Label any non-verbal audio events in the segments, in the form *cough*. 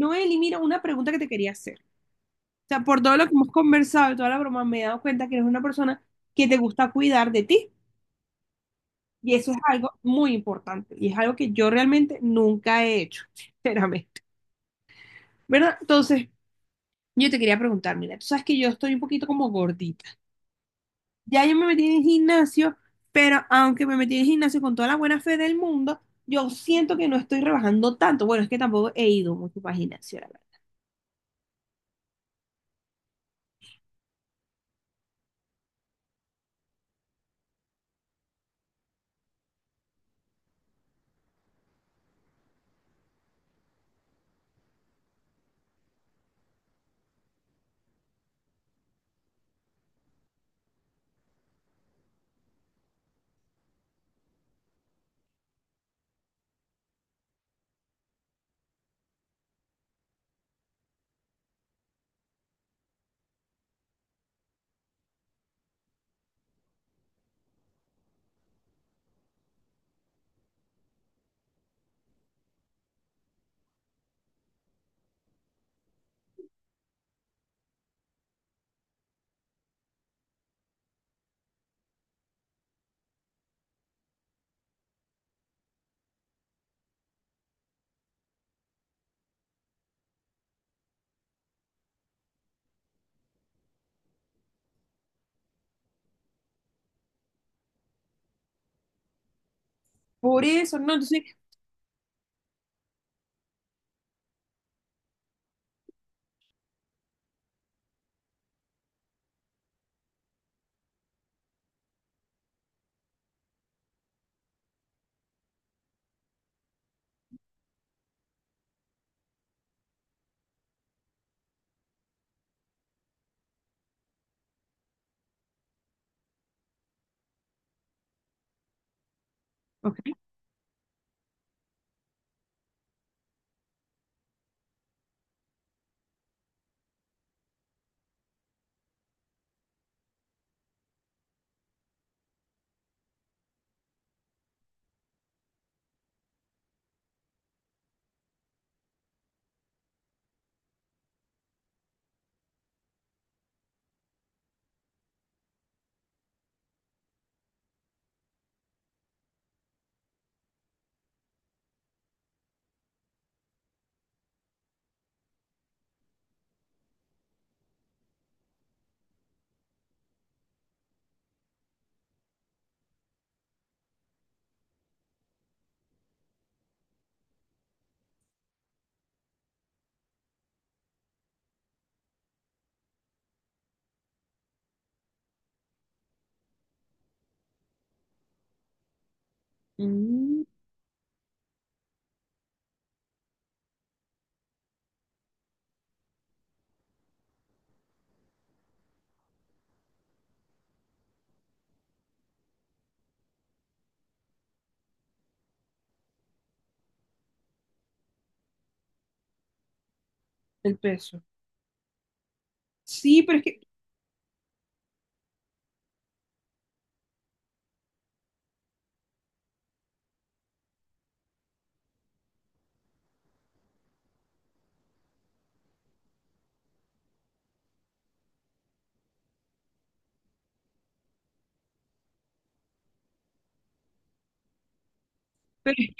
Noeli, mira, una pregunta que te quería hacer. O sea, por todo lo que hemos conversado y toda la broma, me he dado cuenta que eres una persona que te gusta cuidar de ti. Y eso es algo muy importante. Y es algo que yo realmente nunca he hecho, *laughs* sinceramente. ¿Verdad? Entonces, yo te quería preguntar, mira, tú sabes que yo estoy un poquito como gordita. Ya yo me metí en el gimnasio, pero aunque me metí en el gimnasio con toda la buena fe del mundo, yo siento que no estoy rebajando tanto. Bueno, es que tampoco he ido mucho para el gimnasio. Por eso, no, entonces, ok, mm, el peso. Sí, pero es que, pero es-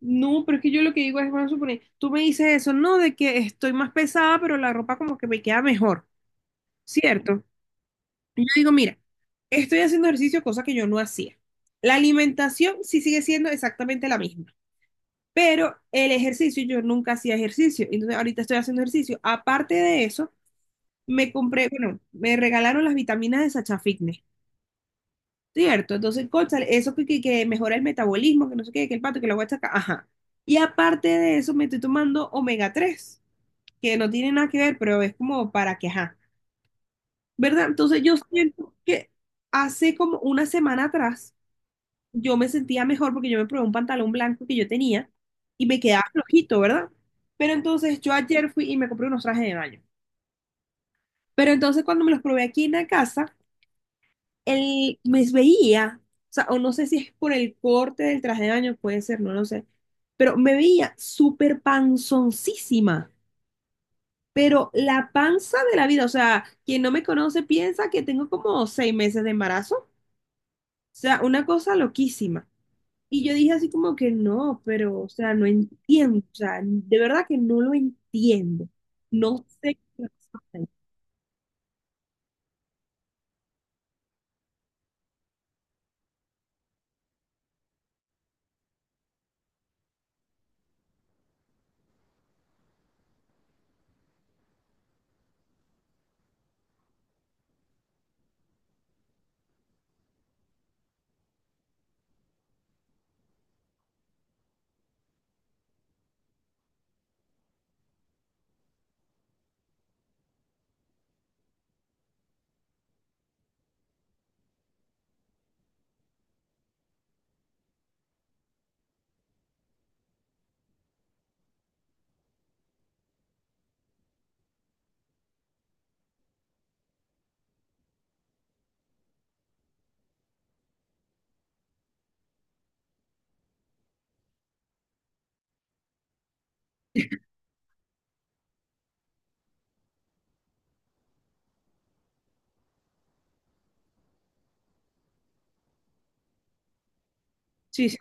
no, pero es que yo lo que digo es, vamos a suponer, tú me dices eso, no, de que estoy más pesada, pero la ropa como que me queda mejor, ¿cierto? Y yo digo, mira, estoy haciendo ejercicio, cosa que yo no hacía. La alimentación sí sigue siendo exactamente la misma. Pero el ejercicio, yo nunca hacía ejercicio, entonces ahorita estoy haciendo ejercicio. Aparte de eso, me compré, bueno, me regalaron las vitaminas de Sacha Fitness, ¿cierto? Entonces, cónchale, eso que mejora el metabolismo, que no sé qué, que el pato, que lo voy a sacar, ajá. Y aparte de eso, me estoy tomando omega 3 que no tiene nada que ver, pero es como para que, ajá, ¿verdad? Entonces yo siento que hace como una semana atrás, yo me sentía mejor porque yo me probé un pantalón blanco que yo tenía y me quedaba flojito, ¿verdad? Pero entonces yo ayer fui y me compré unos trajes de baño. Pero entonces cuando me los probé aquí en la casa, él me veía, o sea, o no sé si es por el corte del traje de baño, puede ser, no lo sé, pero me veía súper panzoncísima. Pero la panza de la vida, o sea, quien no me conoce piensa que tengo como 6 meses de embarazo. O sea, una cosa loquísima. Y yo dije así como que no, pero, o sea, no entiendo, o sea, de verdad que no lo entiendo. No sé qué pasa ahí. Sí, sí.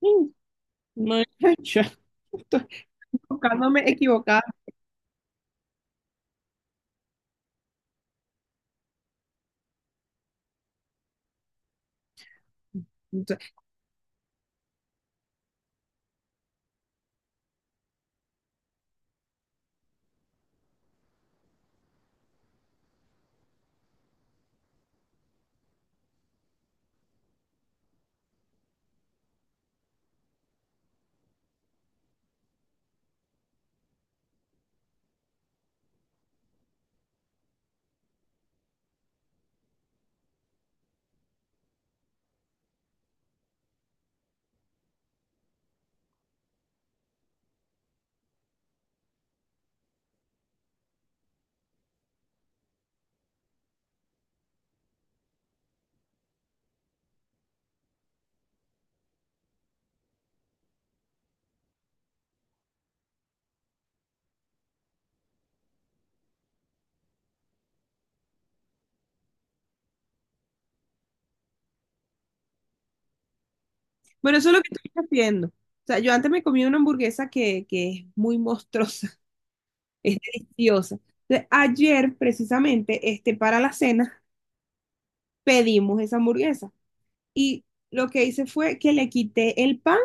Sí. No, *laughs* yo estoy equivocada. Entonces, bueno, eso es lo que estoy haciendo. O sea, yo antes me comí una hamburguesa que es muy monstruosa, *laughs* es deliciosa. Entonces, ayer, precisamente, este, para la cena, pedimos esa hamburguesa. Y lo que hice fue que le quité el pan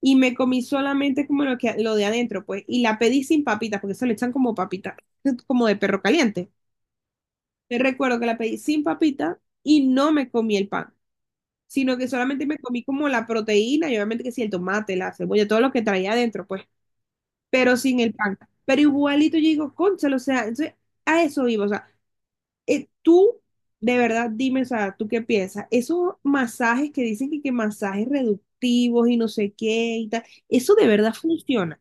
y me comí solamente como lo que lo de adentro, pues, y la pedí sin papitas, porque se le echan como papitas, *laughs* como de perro caliente. Te recuerdo que la pedí sin papita y no me comí el pan, sino que solamente me comí como la proteína y obviamente que sí, el tomate, la cebolla, todo lo que traía adentro, pues, pero sin el pan. Pero igualito yo digo, cónchale, o sea, entonces, a eso vivo, o sea, tú, de verdad, dime, o sea, ¿tú qué piensas? Esos masajes que dicen que masajes reductivos y no sé qué y tal, ¿eso de verdad funciona?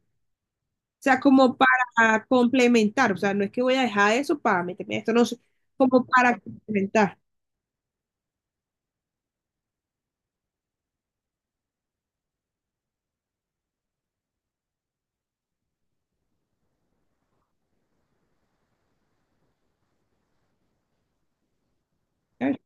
O sea, como para complementar, o sea, no es que voy a dejar eso para meterme a esto, no, sé, como para complementar. ¿Sabes?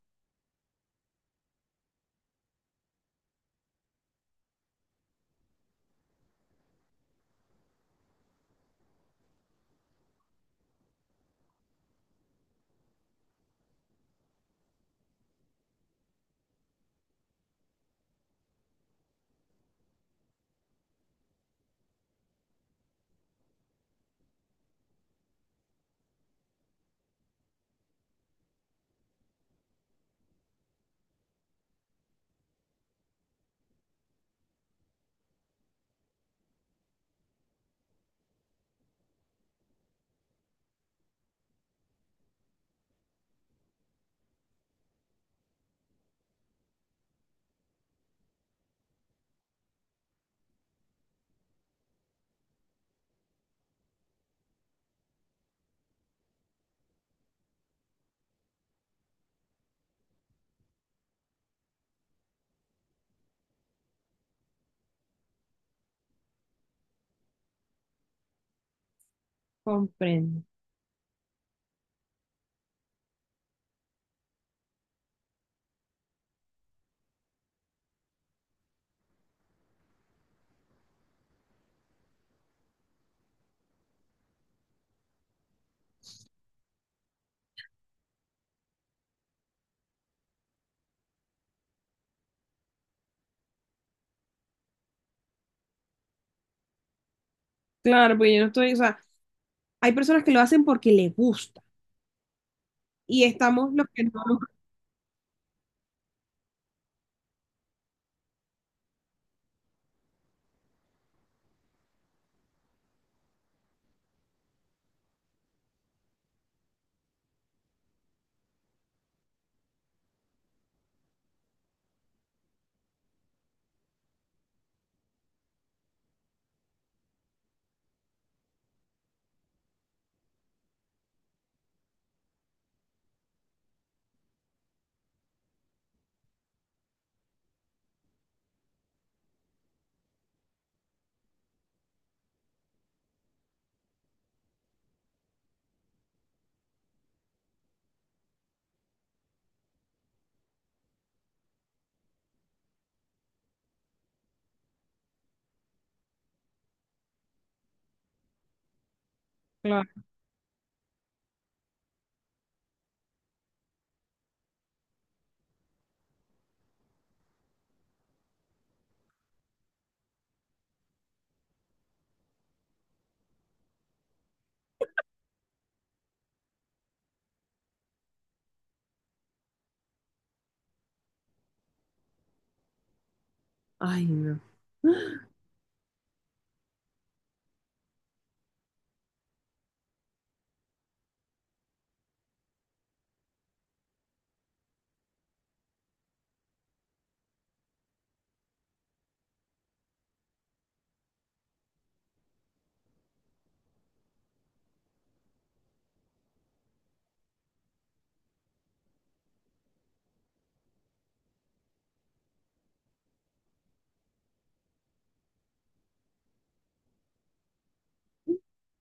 Comprendo. Claro, pues yo no estoy, o sea, hay personas que lo hacen porque les gusta y estamos los que no. Claro. Ay, no.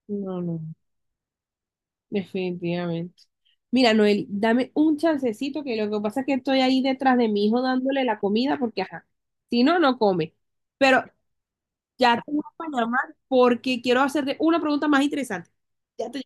No, no, definitivamente. Mira, Noel, dame un chancecito, que lo que pasa es que estoy ahí detrás de mi hijo dándole la comida porque, ajá, si no, no come. Pero ya te voy a llamar porque quiero hacerte una pregunta más interesante. Ya te